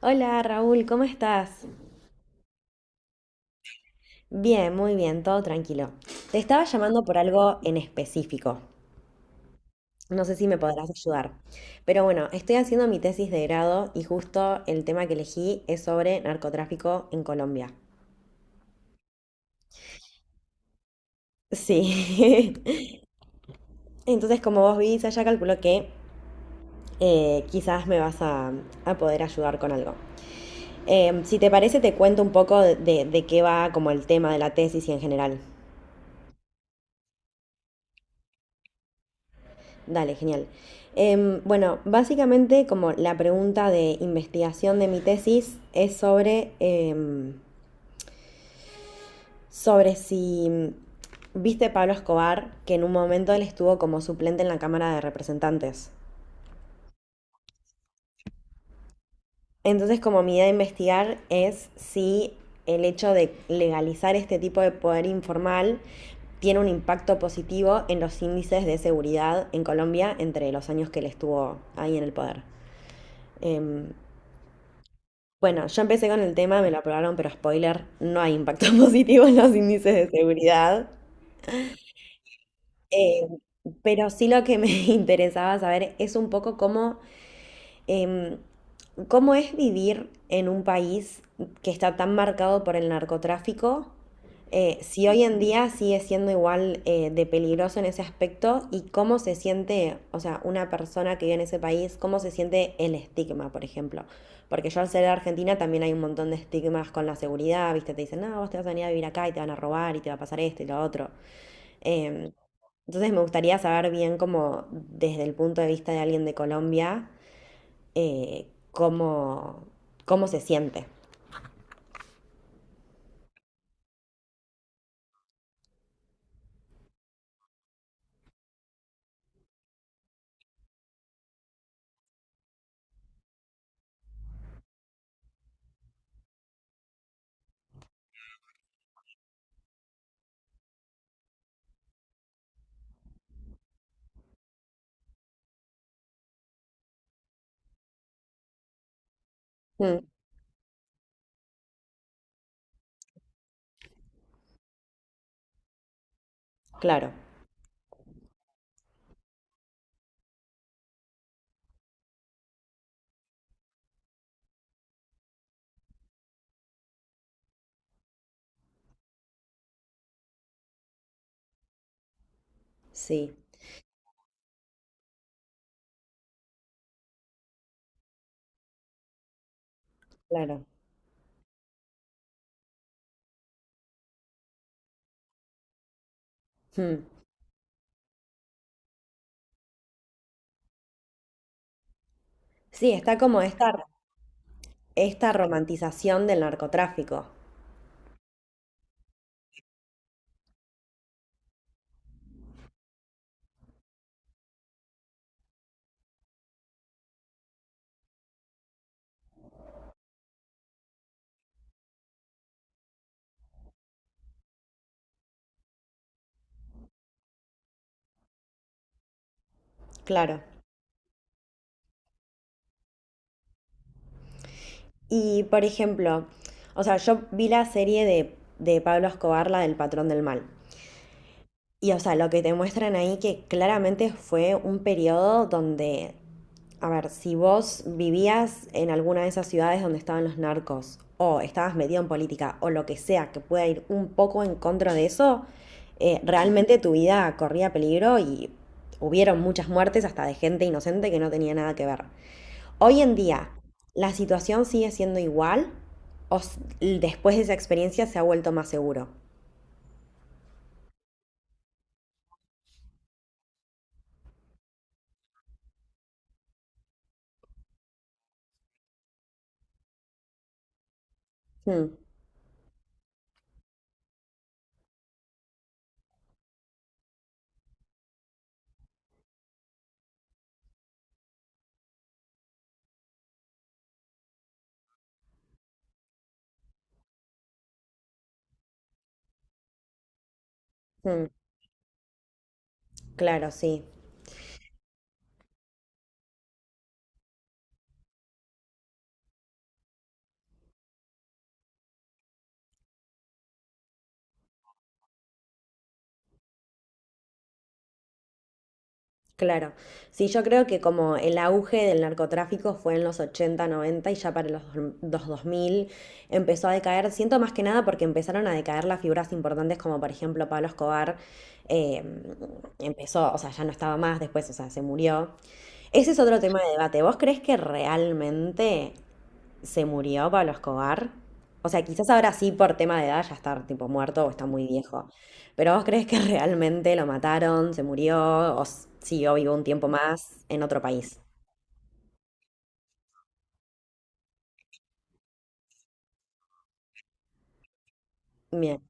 Hola Raúl, ¿cómo estás? Bien, muy bien, todo tranquilo. Te estaba llamando por algo en específico. No sé si me podrás ayudar. Pero bueno, estoy haciendo mi tesis de grado y justo el tema que elegí es sobre narcotráfico en Colombia. Sí. Entonces, como vos viste, ya calculo que quizás me vas a poder ayudar con algo. Si te parece, te cuento un poco de qué va como el tema de la tesis y en general. Dale, genial. Bueno, básicamente como la pregunta de investigación de mi tesis es sobre si viste Pablo Escobar, que en un momento él estuvo como suplente en la Cámara de Representantes. Entonces, como mi idea de investigar es si el hecho de legalizar este tipo de poder informal tiene un impacto positivo en los índices de seguridad en Colombia entre los años que él estuvo ahí en el poder. Em, Bueno, yo empecé con el tema, me lo aprobaron, pero spoiler, no hay impacto positivo en los índices de seguridad. Eh, pero sí lo que me interesaba saber es un poco cómo. Em, ¿Cómo es vivir en un país que está tan marcado por el narcotráfico? Si hoy en día sigue siendo igual de peligroso en ese aspecto y cómo se siente, o sea, una persona que vive en ese país, cómo se siente el estigma, por ejemplo. Porque yo al ser de Argentina también hay un montón de estigmas con la seguridad, ¿viste? Te dicen, no, vos te vas a venir a vivir acá y te van a robar y te va a pasar esto y lo otro. Em, entonces me gustaría saber bien cómo desde el punto de vista de alguien de Colombia, eh, cómo, cómo se siente. Mm, claro, sí, claro. Mm. Sí, está como esta romantización del narcotráfico, claro. Y por ejemplo, o sea, yo vi la serie de Pablo Escobar, la del Patrón del Mal. Y o sea, lo que te muestran ahí que claramente fue un periodo donde, a ver, si vos vivías en alguna de esas ciudades donde estaban los narcos, o estabas metido en política, o lo que sea que pueda ir un poco en contra de eso, realmente tu vida corría peligro y hubieron muchas muertes hasta de gente inocente que no tenía nada que ver. Hoy en día, ¿la situación sigue siendo igual después de esa experiencia se ha vuelto más seguro? Hmm, hmm, claro, sí. Claro, sí, yo creo que como el auge del narcotráfico fue en los 80, 90 y ya para los 2000 empezó a decaer, siento más que nada porque empezaron a decaer las figuras importantes como por ejemplo Pablo Escobar, eh, empezó, o sea, ya no estaba más después, o sea, se murió. Ese es otro tema de debate. ¿Vos crees que realmente se murió Pablo Escobar? O sea, quizás ahora sí por tema de edad ya está tipo muerto o está muy viejo. Pero ¿vos crees que realmente lo mataron, se murió o siguió vivo un tiempo más en otro país? Bien,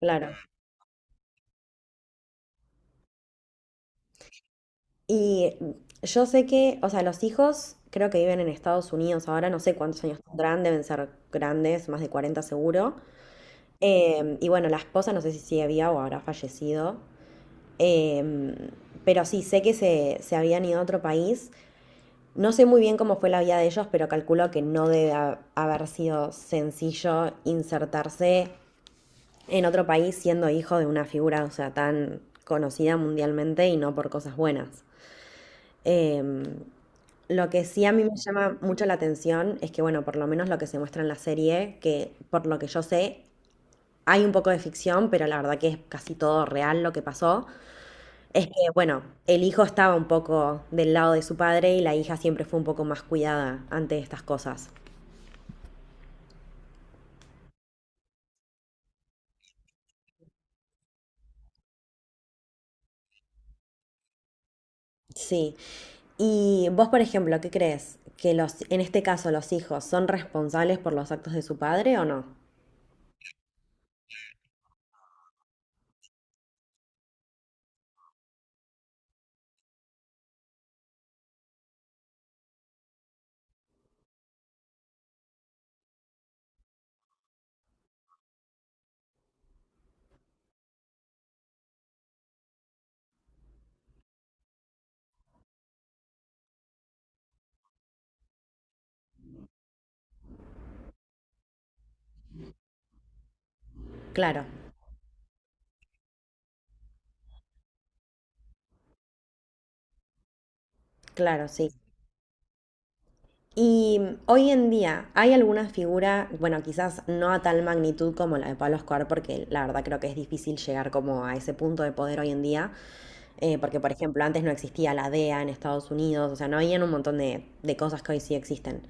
claro. Y yo sé que, o sea, los hijos creo que viven en Estados Unidos ahora, no sé cuántos años tendrán, deben ser grandes, más de 40 seguro. Y bueno, la esposa no sé si sigue viva o habrá fallecido. Em, pero sí, sé que se habían ido a otro país. No sé muy bien cómo fue la vida de ellos, pero calculo que no debe haber sido sencillo insertarse en otro país siendo hijo de una figura, o sea, tan conocida mundialmente y no por cosas buenas. Em, lo que sí a mí me llama mucho la atención es que, bueno, por lo menos lo que se muestra en la serie, que por lo que yo sé, hay un poco de ficción, pero la verdad que es casi todo real lo que pasó. Es que, bueno, el hijo estaba un poco del lado de su padre y la hija siempre fue un poco más cuidada ante estas cosas. Sí. Y vos, por ejemplo, ¿qué crees? ¿Que los, en este caso los hijos son responsables por los actos de su padre o no? Claro, claro, sí. Y hoy en día, ¿hay alguna figura, bueno, quizás no a tal magnitud como la de Pablo Escobar, porque la verdad creo que es difícil llegar como a ese punto de poder hoy en día, porque por ejemplo antes no existía la DEA en Estados Unidos, o sea, no habían un montón de cosas que hoy sí existen?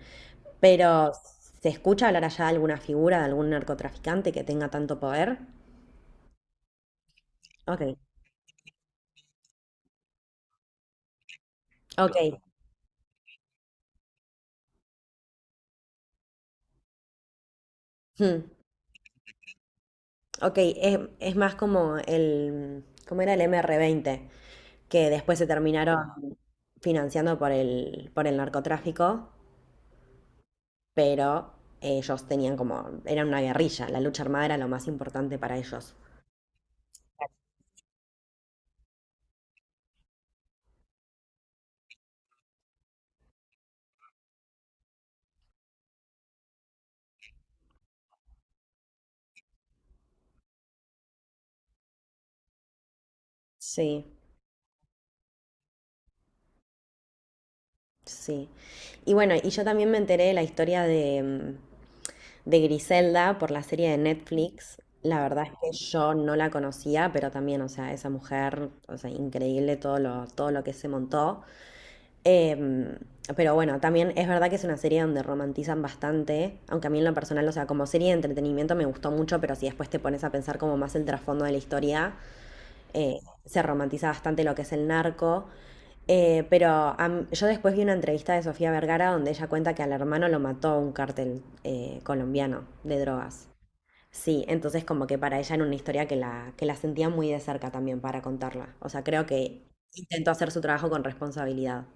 Pero, ¿se escucha hablar allá de alguna figura, de algún narcotraficante que tenga tanto poder? Ok, ok. Hmm. Ok, es más como ¿cómo era el MR20? Que después se terminaron financiando por el narcotráfico, pero ellos tenían como, eran una guerrilla, la lucha armada era lo más importante para ellos. Sí. Sí. Y bueno, y yo también me enteré de la historia de Griselda por la serie de Netflix. La verdad es que yo no la conocía, pero también, o sea, esa mujer, o sea, increíble todo lo que se montó. Em, pero bueno, también es verdad que es una serie donde romantizan bastante, aunque a mí en lo personal, o sea, como serie de entretenimiento me gustó mucho, pero si después te pones a pensar como más el trasfondo de la historia, eh, se romantiza bastante lo que es el narco. Pero yo después vi una entrevista de Sofía Vergara donde ella cuenta que al hermano lo mató un cártel colombiano de drogas. Sí, entonces como que para ella era una historia que la sentía muy de cerca también para contarla. O sea, creo que intentó hacer su trabajo con responsabilidad.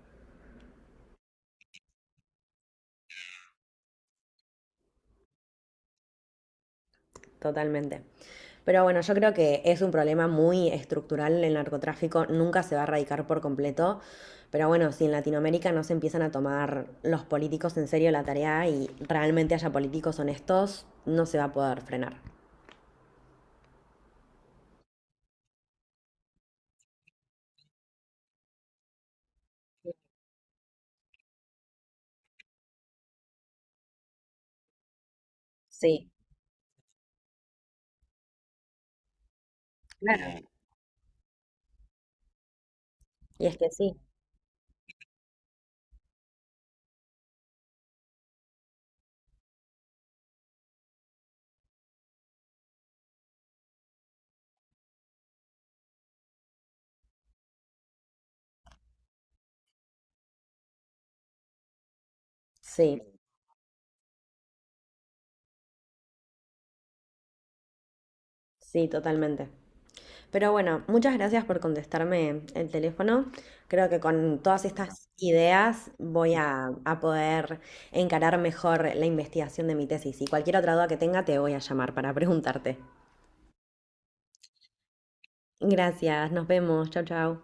Totalmente. Pero bueno, yo creo que es un problema muy estructural el narcotráfico, nunca se va a erradicar por completo. Pero bueno, si en Latinoamérica no se empiezan a tomar los políticos en serio la tarea y realmente haya políticos honestos, no se va a poder frenar. Sí, claro. Y es que sí, sí, sí, totalmente. Pero bueno, muchas gracias por contestarme el teléfono. Creo que con todas estas ideas voy a poder encarar mejor la investigación de mi tesis. Y cualquier otra duda que tenga, te voy a llamar para preguntarte. Gracias, nos vemos. Chau, chau.